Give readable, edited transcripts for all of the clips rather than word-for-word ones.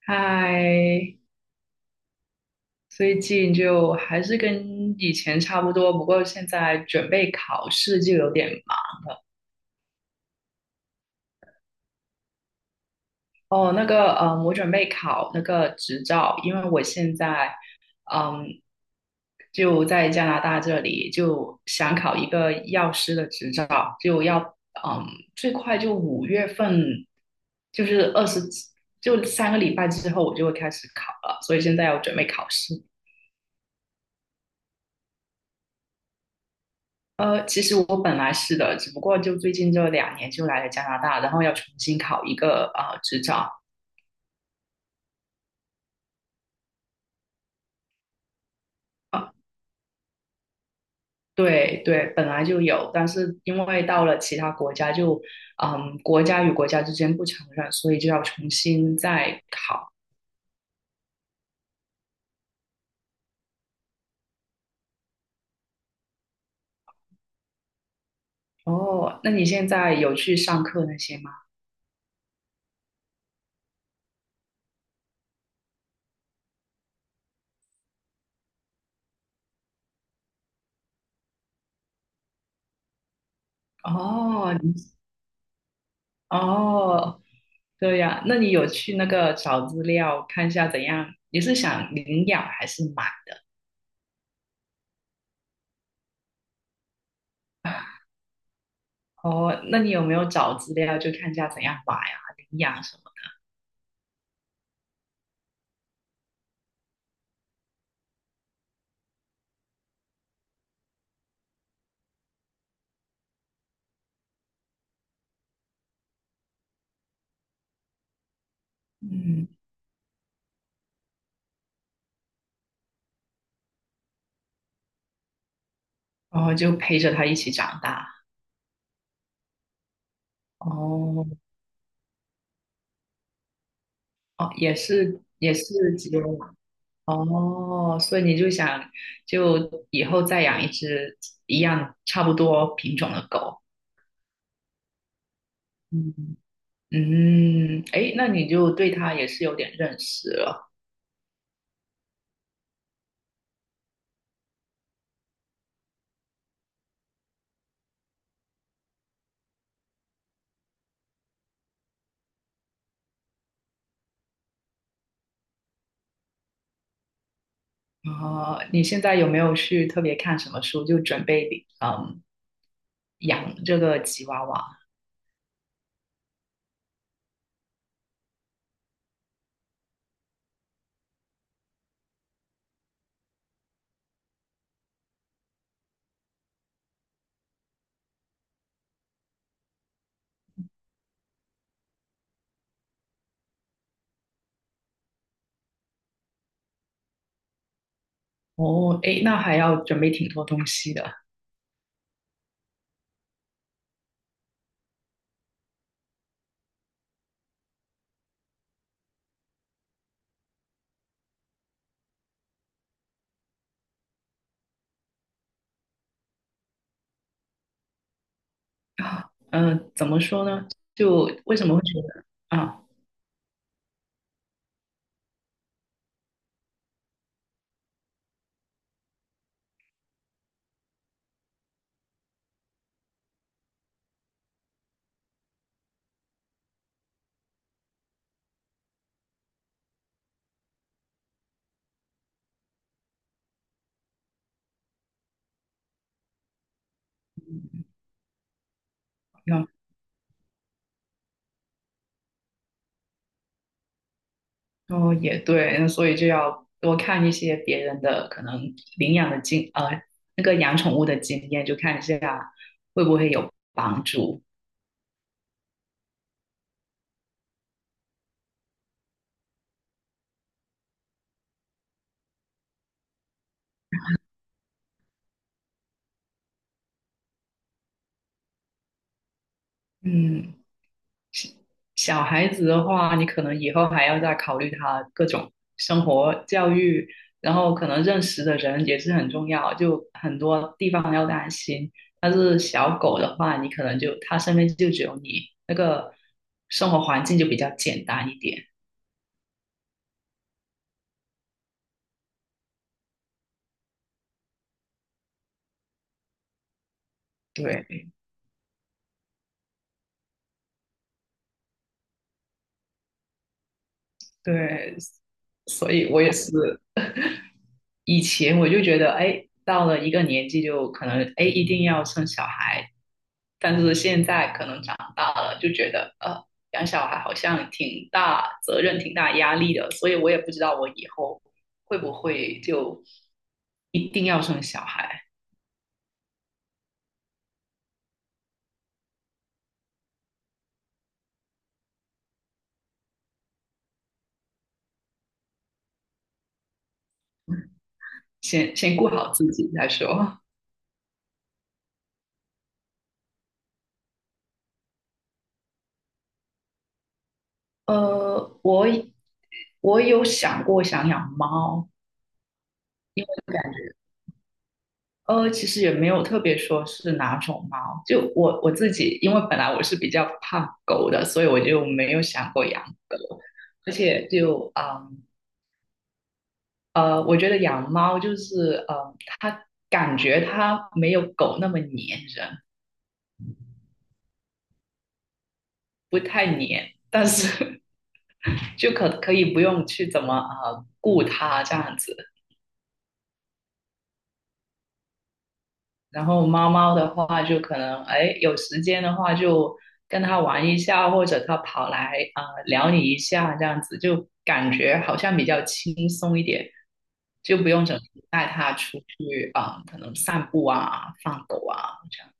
嗨，最近就还是跟以前差不多，不过现在准备考试就有点忙。哦，那个，我准备考那个执照，因为我现在，嗯，就在加拿大这里，就想考一个药师的执照，就要，嗯，最快就五月份，就是二十，就三个礼拜之后我就会开始考了，所以现在要准备考试。其实我本来是的，只不过就最近这两年就来了加拿大，然后要重新考一个执照啊，对对，本来就有，但是因为到了其他国家就，国家与国家之间不承认，所以就要重新再考。哦，那你现在有去上课那些吗？哦，你哦，对呀，那你有去那个找资料看一下怎样？你是想领养还是买？哦，那你有没有找资料就看一下怎样买啊、领养什么？嗯，然后就陪着他一起长大。哦哦，也是吉娃娃。哦，所以你就想就以后再养一只一样差不多品种的狗。嗯嗯，哎，那你就对它也是有点认识了。哦，你现在有没有去特别看什么书，就准备养这个吉娃娃？哦，诶，那还要准备挺多东西的啊。怎么说呢？就为什么会觉得啊？那哦也对，那所以就要多看一些别人的可能领养的那个养宠物的经验，就看一下会不会有帮助。嗯。小孩子的话，你可能以后还要再考虑他各种生活教育，然后可能认识的人也是很重要，就很多地方要担心。但是小狗的话，你可能就它身边就只有你，那个生活环境就比较简单一点。对对，所以我也是 以前我就觉得，哎，到了一个年纪就可能，哎，一定要生小孩，但是现在可能长大了，就觉得养小孩好像挺大责任、挺大压力的，所以我也不知道我以后会不会就一定要生小孩，先顾好自己再说。呃，我我有想过想养猫，感觉其实也没有特别说是哪种猫，就我自己，因为本来我是比较怕狗的，所以我就没有想过养狗，而且就。我觉得养猫就是它感觉它没有狗那么粘人，不太粘，但是 就可以不用去怎么顾它这样子。然后猫猫的话，就可能哎有时间的话就跟它玩一下，或者它跑来啊、撩你一下这样子，就感觉好像比较轻松一点，就不用整天带它出去啊、可能散步啊、放狗啊这样。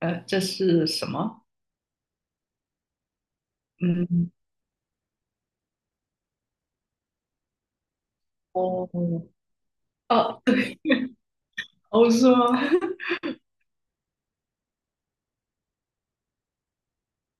这是什么？嗯，哦，哦，对，哦，是吗？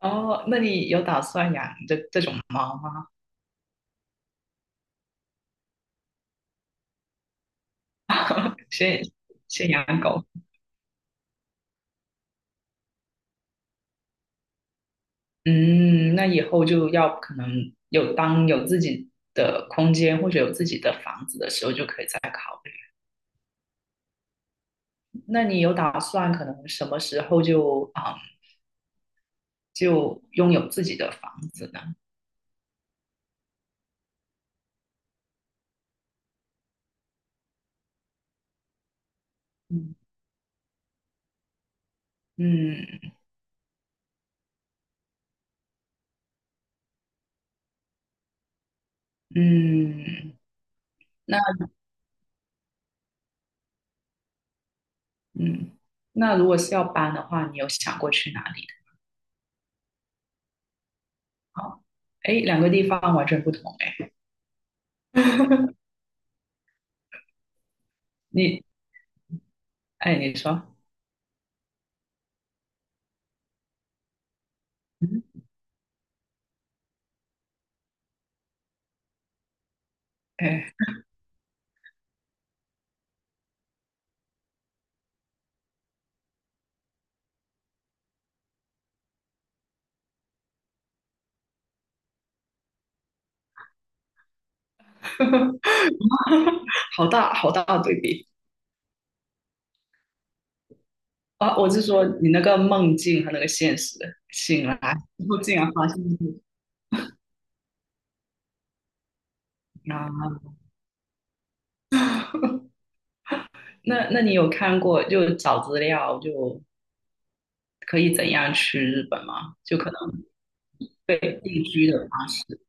哦，那你有打算养这种猫吗？先先养狗，嗯，那以后就要可能有当有自己的空间或者有自己的房子的时候，就可以再考虑。那你有打算可能什么时候就拥有自己的房子呢？嗯嗯嗯，那嗯，那如果是要搬的话，你有想过去哪里？哦，哎，两个地方完全不同哎。你，哎，你说，嗯，哎，好大好大的对比啊！我是说你那个梦境和那个现实，醒来然后竟然发现是啊，那你有看过就找资料就可以怎样去日本吗？就可能对定居的方式，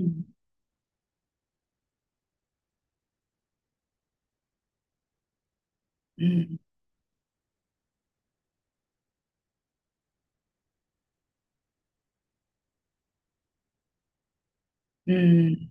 嗯嗯嗯。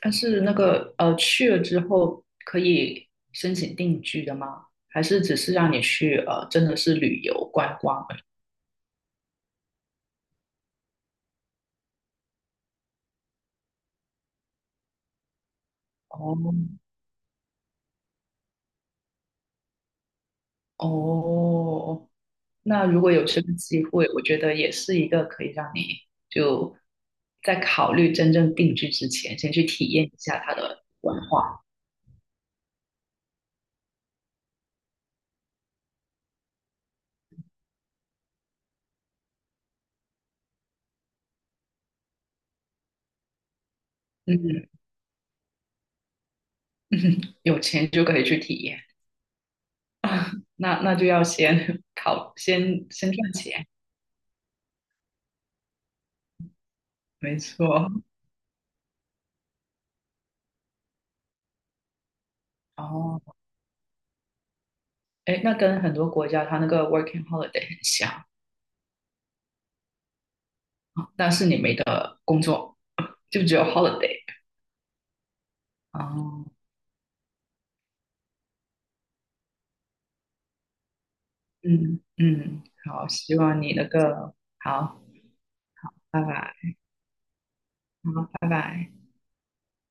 但是那个去了之后可以申请定居的吗？还是只是让你去真的是旅游观光而已。哦哦，那如果有这个机会，我觉得也是一个可以让你就在考虑真正定居之前，先去体验一下它的文化。嗯，有钱就可以去体验。 那就要先赚钱，没错。哦。哎，那跟很多国家它那个 working holiday 很像，啊，但是你没得工作，就只有 holiday。哦，嗯嗯，好，希望你那个好，拜拜，好，拜拜。